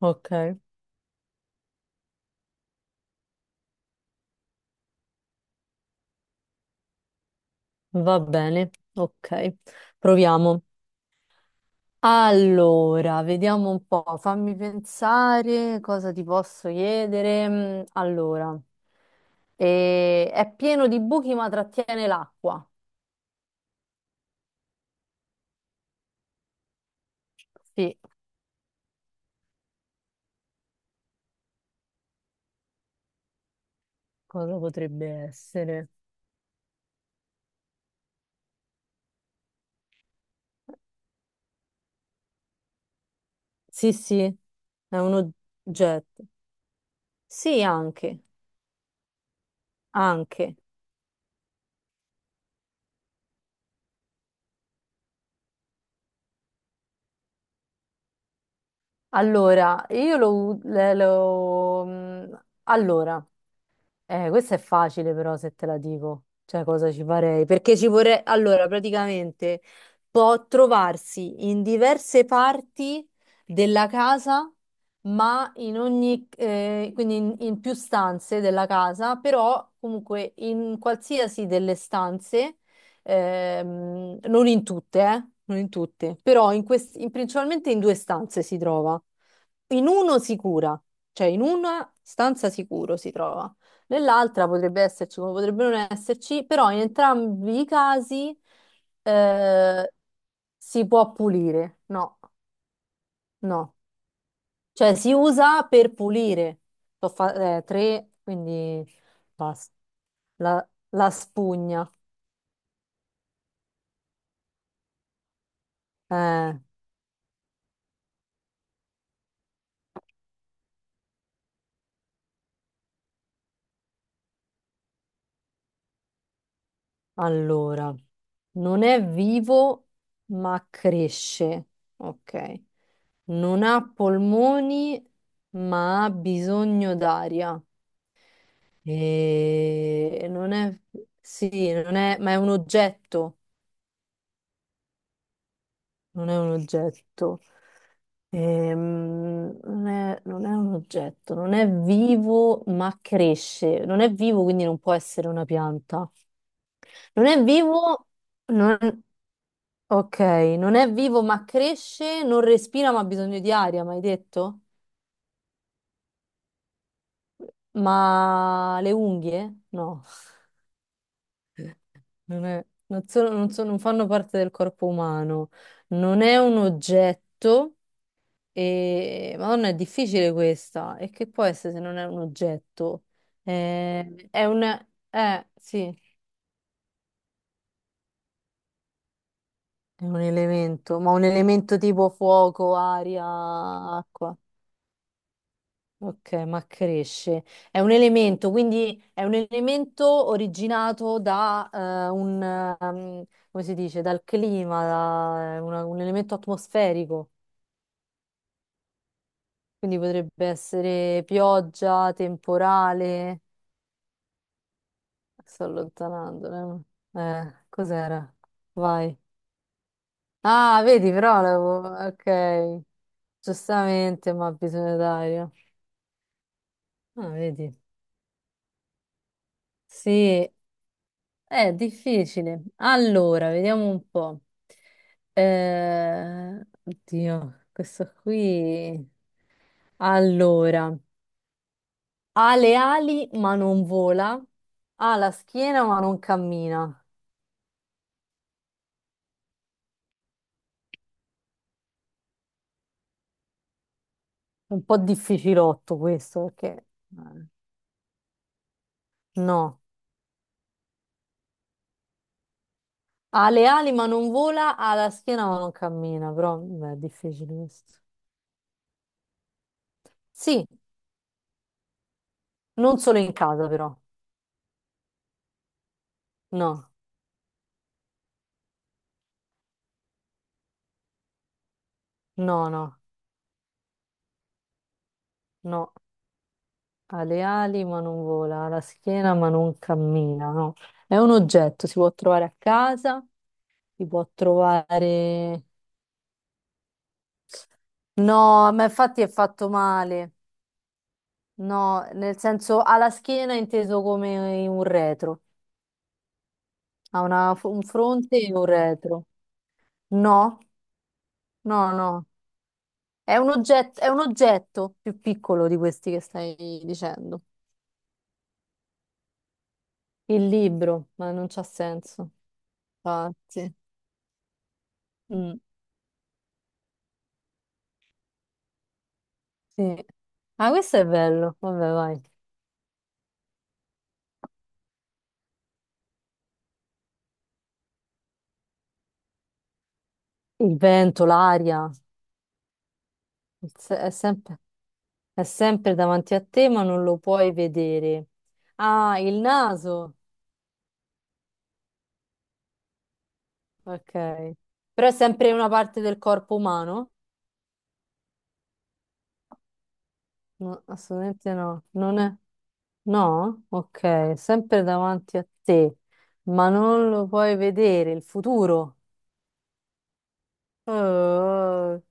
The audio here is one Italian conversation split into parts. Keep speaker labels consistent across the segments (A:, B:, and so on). A: Ok, va bene, ok, proviamo. Allora, vediamo un po', fammi pensare cosa ti posso chiedere. Allora, è pieno di buchi ma trattiene l'acqua. Sì, cosa potrebbe essere? Sì, sì, è un oggetto. Sì, anche, anche. Allora, io lo... Allora. Questa è facile però se te la dico, cioè cosa ci farei, perché ci vorrei, allora praticamente può trovarsi in diverse parti della casa, ma in ogni, quindi in più stanze della casa, però comunque in qualsiasi delle stanze, non in tutte, non in tutte, però in principalmente in due stanze si trova, in uno sicura, cioè in una stanza sicuro si trova. Nell'altra potrebbe esserci, come potrebbe non esserci, però in entrambi i casi eh, si può pulire. No, no. Cioè si usa per pulire. Tre, quindi basta. La, la spugna. Eh, allora, non è vivo, ma cresce. Ok. Non ha polmoni, ma ha bisogno d'aria. E non è, sì, non è, ma è un oggetto, non è un oggetto. Non è un oggetto, non è vivo, ma cresce. Non è vivo, quindi non può essere una pianta. Non è vivo, non- ok, non è vivo, ma cresce, non respira, ma ha bisogno di aria, mi hai detto? Ma le unghie? No. Non è- non sono- non sono- Non fanno parte del corpo umano, non è un oggetto e... Madonna, è difficile questa. E che può essere se non è un oggetto? È un... sì, è un elemento, ma un elemento tipo fuoco, aria, acqua. Ok, ma cresce. È un elemento, quindi è un elemento originato da un... come si dice? Dal clima, da un elemento atmosferico. Quindi potrebbe essere pioggia, temporale. Sto allontanando. Cos'era? Vai. Ah, vedi, ok, giustamente, ma bisogna dare. Ah, vedi. Sì, è difficile. Allora, vediamo un po'. Oddio, questo qui. Allora, ha le ali ma non vola, ha la schiena ma non cammina. È un po' difficilotto questo perché eh, no, ha le ali ma non vola, ha la schiena ma non cammina, però beh, è difficile questo. Sì, non solo in casa però. No, no, no, no. Ha le ali ma non vola, ha la schiena ma non cammina, no. È un oggetto, si può trovare a casa, si può trovare... No, ma infatti è fatto male. No, nel senso ha la schiena inteso come un retro. Ha una un fronte e un retro. No, no, no. È un oggetto più piccolo di questi che stai dicendo. Il libro, ma non c'ha senso. Infatti. Mm, sì. Ah, questo è bello. Vabbè, vai. Il vento, l'aria, il se- è sempre davanti a te, ma non lo puoi vedere. Ah, il naso. Ok. Però è sempre una parte del corpo umano? No, assolutamente no. Non è... No? Ok, sempre davanti a te, ma non lo puoi vedere, il futuro. Oh.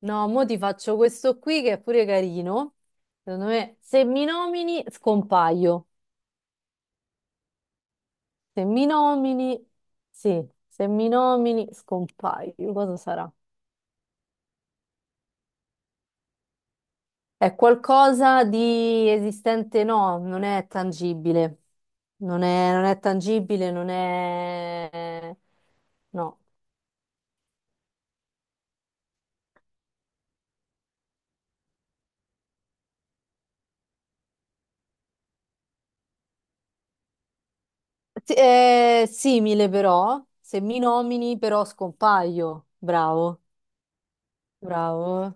A: No, mo ti faccio questo qui che è pure carino. Secondo me, se mi nomini, scompaio. Se mi nomini, sì, se mi nomini, scompaio. Cosa sarà? È qualcosa di esistente, no, non è tangibile. Non è tangibile, non è... No. Sì, è simile però, se mi nomini però scompaio. Bravo, bravo.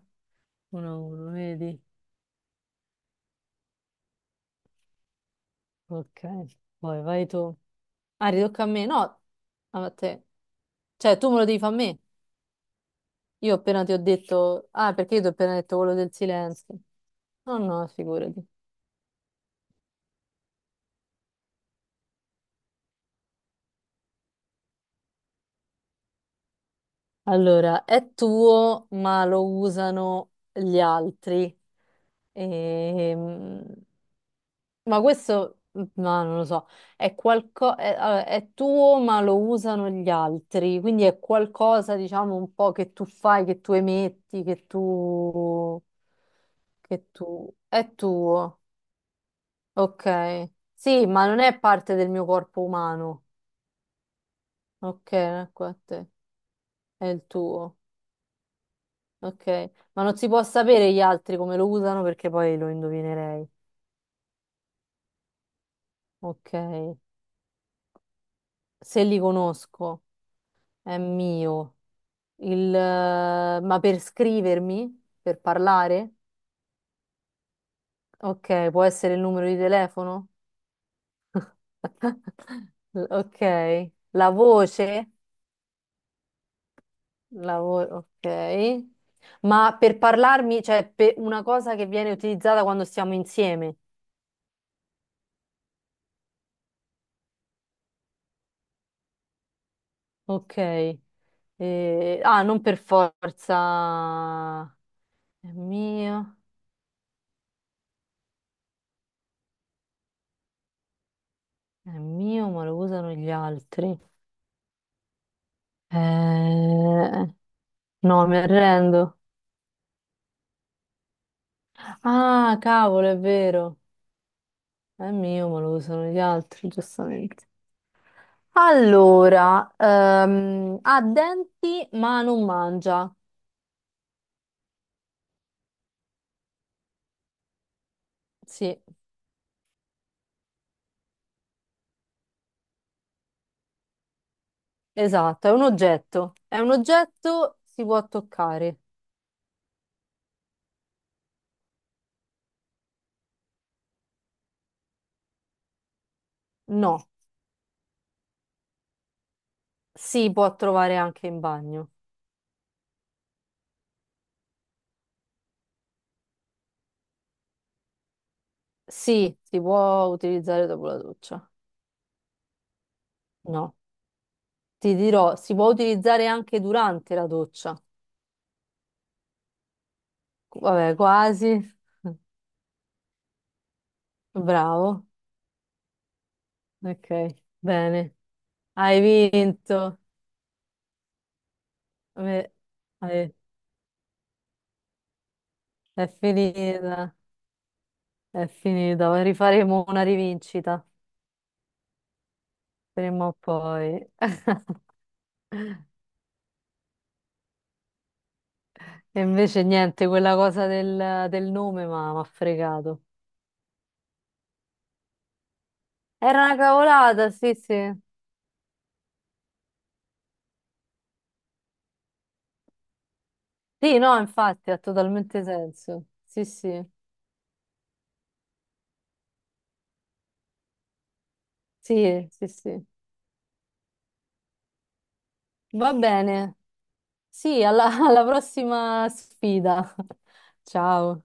A: Uno a uno, vedi? Ok, poi vai tu. Ah, ridocca a me? No, a te. Cioè, tu me lo devi fare a me. Io appena ti ho detto... Ah, perché io ti ho appena detto quello del silenzio. No, no, figurati. Allora, è tuo, ma lo usano gli altri. Ehm, ma questo, ma non lo so, è qualcosa, è, allora, è tuo, ma lo usano gli altri. Quindi è qualcosa, diciamo, un po' che tu fai, che tu emetti, è tuo. Ok. Sì, ma non è parte del mio corpo umano. Ok, ecco a te. È il tuo. Ok, ma non si può sapere gli altri come lo usano perché poi lo indovinerei. Ok, se li conosco è mio. Ma per scrivermi, per parlare? Ok, può essere il numero di telefono? Ok, la voce? Ok. Ma per parlarmi, cioè per una cosa che viene utilizzata quando stiamo insieme. Ok. Ah, non per forza. È mio, è mio, ma lo usano gli altri. Eh, no, mi arrendo. Ah, cavolo, è vero. È mio, ma lo usano gli altri, giustamente. Allora, ha denti, ma non mangia. Sì, esatto, è un oggetto. È un oggetto, si può toccare. No, si può trovare anche in bagno. Sì, si può utilizzare dopo la doccia. No. Ti dirò, si può utilizzare anche durante la doccia. Vabbè, quasi. Bravo. Ok, bene. Hai vinto. Vabbè, vabbè, è finita. È finita. Rifaremo una rivincita prima o poi. E invece niente, quella cosa del, del nome ma mi ha fregato. Era una cavolata, sì, sì. Sì, no, infatti ha totalmente senso. Sì, sì. Sì, sì, sì. Va bene. Sì, alla alla prossima sfida. Ciao.